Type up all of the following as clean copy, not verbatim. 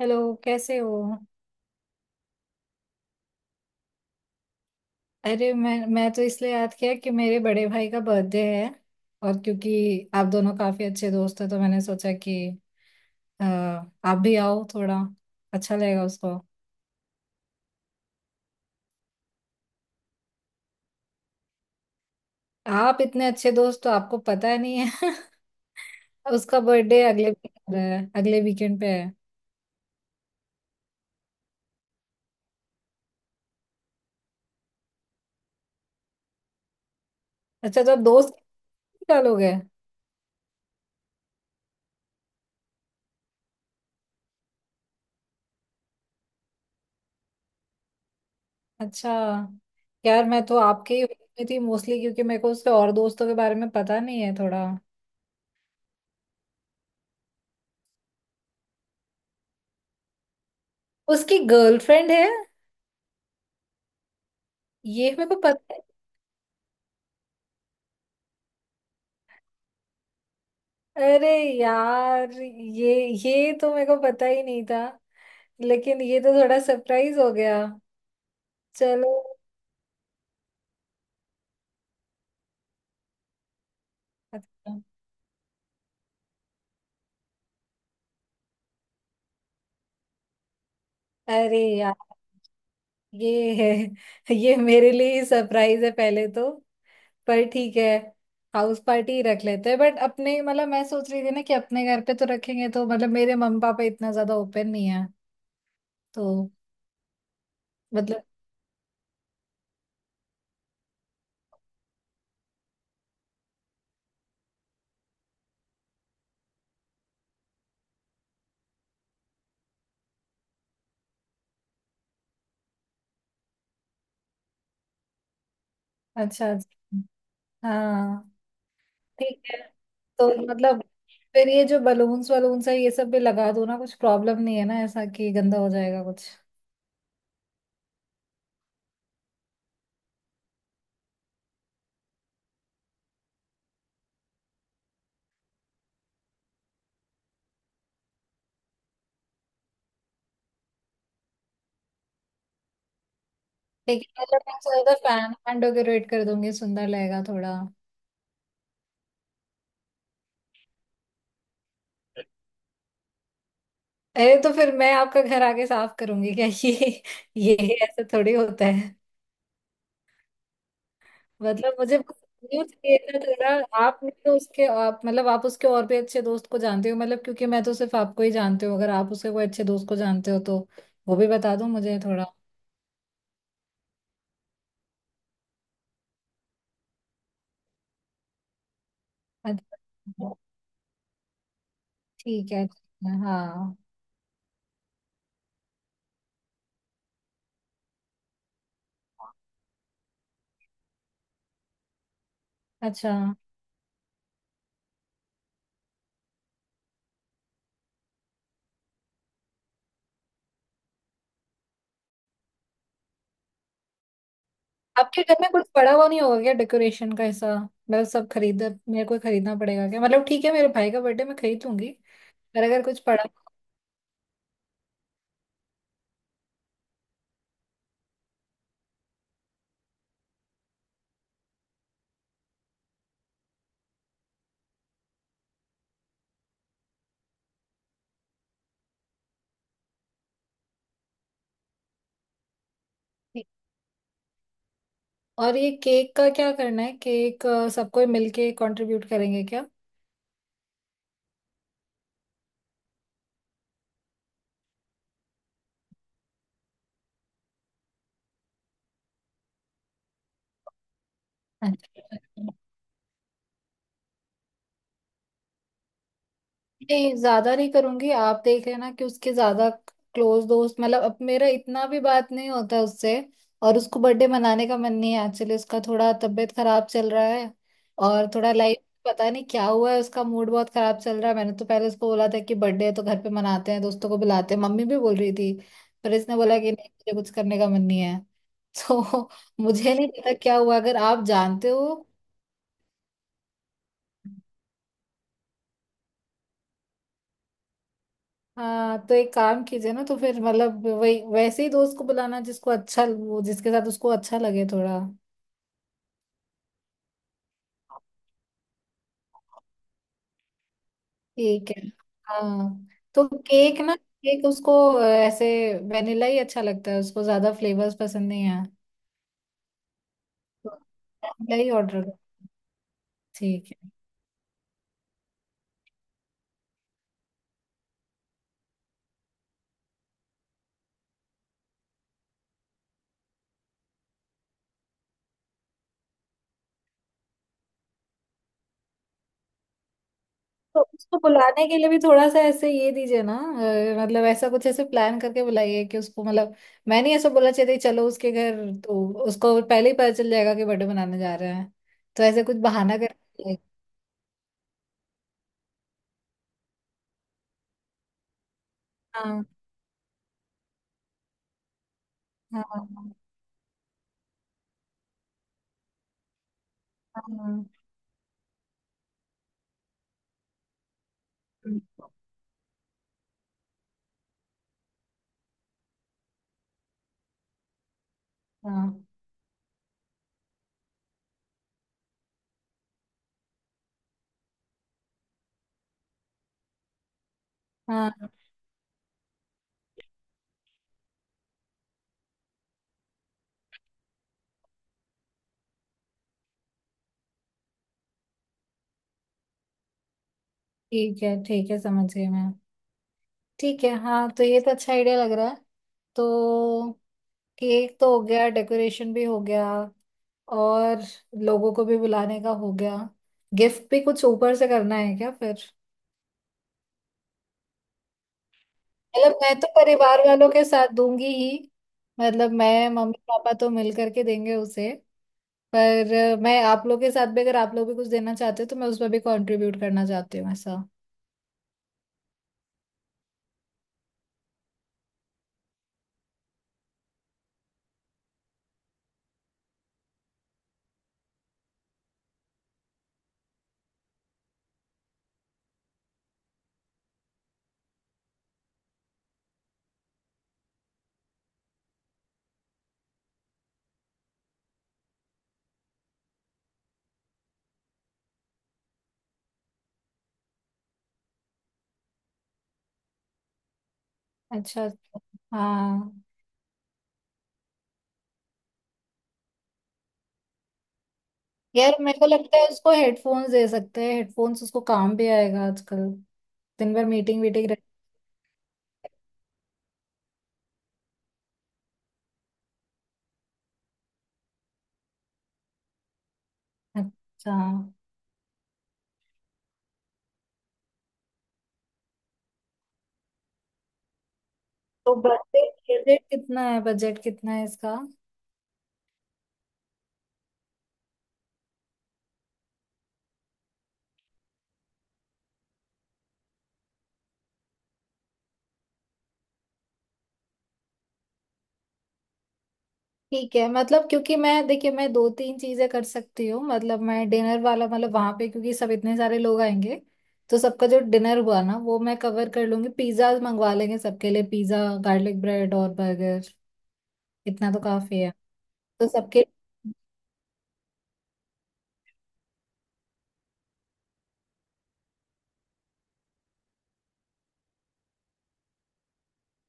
Hello. कैसे हो? अरे मैं तो इसलिए याद किया कि मेरे बड़े भाई का बर्थडे है। और क्योंकि आप दोनों काफी अच्छे दोस्त हैं, तो मैंने सोचा कि आप भी आओ थोड़ा, अच्छा लगेगा उसको। आप इतने अच्छे दोस्त, तो आपको पता ही नहीं है। उसका बर्थडे अगले weekend है, अगले वीकेंड पे है। अच्छा, तो आप दोस्त निकालोगे? अच्छा। यार, मैं तो आपके ही में थी मोस्टली, क्योंकि मेरे को उसके और दोस्तों के बारे में पता नहीं है थोड़ा। उसकी गर्लफ्रेंड है? ये मेरे को पता। अरे यार, ये तो मेरे को पता ही नहीं था। लेकिन ये तो थोड़ा सरप्राइज हो गया। चलो। अच्छा। अरे यार, ये है, ये मेरे लिए ही सरप्राइज है पहले तो। पर ठीक है, हाउस पार्टी ही रख लेते हैं। बट अपने मतलब, मैं सोच रही थी ना कि अपने घर पे तो रखेंगे तो मतलब मेरे मम्मी पापा इतना ज्यादा ओपन नहीं है। तो मतलब। अच्छा अच्छा। हाँ, ठीक है। तो मतलब, फिर ये जो बलून्स वलून्स है ये सब भी लगा दो ना। कुछ प्रॉब्लम नहीं है ना ऐसा कि गंदा हो जाएगा कुछ? ठीक है, मतलब मैं ज्यादा फैन फैन डेकोरेट कर दूंगी, सुंदर लगेगा थोड़ा। अरे तो फिर मैं आपका घर आके साफ करूंगी क्या? ये ऐसा थोड़ी होता है। मतलब मुझे बस न्यूज़ चाहिए था थोड़ा। आपने तो उसके, आप मतलब आप उसके और भी अच्छे दोस्त को जानते हो। मतलब क्योंकि मैं तो सिर्फ आपको ही जानती हूँ। अगर आप उसके कोई अच्छे दोस्त को जानते हो, तो वो भी बता दो मुझे थोड़ा। अच्छा। ठीक है, ठीक है, हाँ। अच्छा, आपके घर में कुछ पड़ा हुआ नहीं होगा क्या डेकोरेशन का ऐसा? मतलब सब खरीद, मेरे को खरीदना पड़ेगा क्या? मतलब ठीक है, मेरे भाई का बर्थडे, मैं खरीद लूंगी। पर अगर कुछ पड़ा। ठीक। और ये केक का क्या करना है? केक सबको मिलके कंट्रीब्यूट करेंगे क्या? अच्छा। नहीं ज्यादा नहीं करूंगी। आप देख लेना कि उसके ज्यादा क्लोज दोस्त, मतलब अब मेरा इतना भी बात नहीं होता उससे। और उसको बर्थडे मनाने का मन नहीं है एक्चुअली, उसका थोड़ा तबीयत खराब चल रहा है। और थोड़ा लाइफ, पता नहीं क्या हुआ है, उसका मूड बहुत खराब चल रहा है। मैंने तो पहले उसको बोला था कि बर्थडे है तो घर पे मनाते हैं, दोस्तों को बुलाते हैं, मम्मी भी बोल रही थी। पर इसने बोला कि नहीं, मुझे कुछ करने का मन नहीं है। तो मुझे नहीं पता क्या हुआ, अगर आप जानते हो। हाँ, तो एक काम कीजिए ना, तो फिर मतलब वही वैसे ही दोस्त को बुलाना जिसको अच्छा, वो जिसके साथ उसको अच्छा लगे थोड़ा। ठीक है। हाँ, तो केक ना, केक उसको ऐसे वेनिला ही अच्छा लगता है उसको, ज्यादा फ्लेवर्स पसंद नहीं है। तो वेनिला ही ऑर्डर करो। ठीक है। तो उसको बुलाने के लिए भी थोड़ा सा ऐसे ये दीजिए ना, मतलब ऐसा कुछ ऐसे प्लान करके बुलाइए कि उसको, मतलब मैं नहीं ऐसा बोला चाहिए चलो उसके घर, तो उसको पहले ही पता चल जाएगा कि बर्थडे मनाने जा रहे हैं। तो ऐसे कुछ बहाना कर। हाँ। हाँ। हाँ। हाँ। हाँ। ठीक है, ठीक है, समझ गई मैं। ठीक है, हाँ, तो ये तो अच्छा आइडिया लग रहा है। तो केक तो हो गया, डेकोरेशन भी हो गया, और लोगों को भी बुलाने का हो गया। गिफ्ट भी कुछ ऊपर से करना है क्या फिर? मतलब मैं तो परिवार वालों के साथ दूंगी ही, मतलब मैं, मम्मी पापा तो मिल करके देंगे उसे। पर मैं आप लोग के साथ भी, अगर आप लोग भी कुछ देना चाहते हो, तो मैं उसमें भी कंट्रीब्यूट करना चाहती हूँ, ऐसा। अच्छा अच्छा। हाँ, यार मेरे को लगता है उसको हेडफोन्स दे सकते हैं। हेडफोन्स उसको काम भी आएगा, आजकल दिन भर मीटिंग वीटिंग रहती है। अच्छा, तो बजट, बजट कितना है? बजट कितना है इसका? ठीक है, मतलब क्योंकि मैं, देखिए मैं दो तीन चीजें कर सकती हूँ। मतलब मैं डिनर वाला, मतलब वहां पे क्योंकि सब इतने सारे लोग आएंगे, तो सबका जो डिनर हुआ ना वो मैं कवर कर लूंगी। पिज्जा मंगवा लेंगे सबके लिए, पिज्जा, गार्लिक ब्रेड और बर्गर, इतना तो काफी है। तो सबके।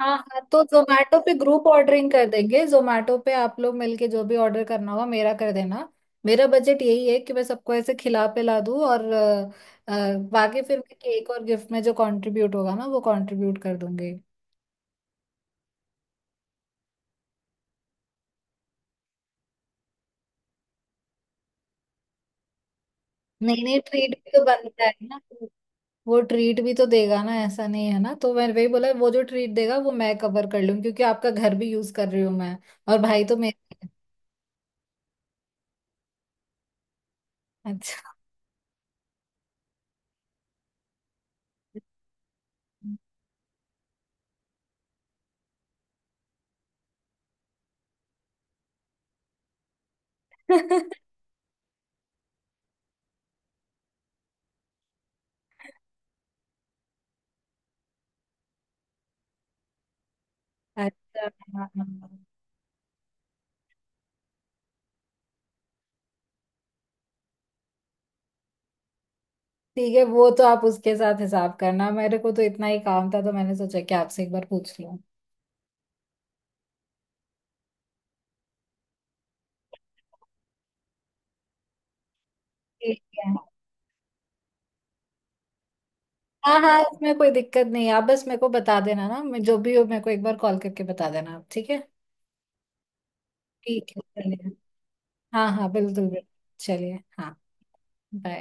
हाँ हाँ, तो जोमेटो पे ग्रुप ऑर्डरिंग कर देंगे। जोमेटो पे आप लोग मिलके जो भी ऑर्डर करना होगा मेरा, कर देना। मेरा बजट यही है कि मैं सबको ऐसे खिला पिला दूँ। और बाकी फिर मैं केक और गिफ्ट में जो कंट्रीब्यूट होगा ना वो कंट्रीब्यूट कर दूंगी। नहीं नहीं, ट्रीट भी तो बनता है ना, वो ट्रीट भी तो देगा ना, ऐसा नहीं है ना। तो मैंने वही बोला, वो जो ट्रीट देगा वो मैं कवर कर लूँ क्योंकि आपका घर भी यूज कर रही हूँ मैं। और भाई तो मेरे। अच्छा। अच्छा। हाँ, हाँ, ठीक है। वो तो आप उसके साथ हिसाब करना, मेरे को तो इतना ही काम था, तो मैंने सोचा कि आपसे एक बार पूछ लूं। ठीक है। हाँ हाँ, इसमें कोई दिक्कत नहीं है, आप बस मेरे को बता देना ना। मैं, जो भी हो मेरे को एक बार कॉल करके बता देना आप, ठीक है? ठीक है, चलिए। हाँ हाँ, बिल्कुल बिल्कुल। चलिए, हाँ। बाय।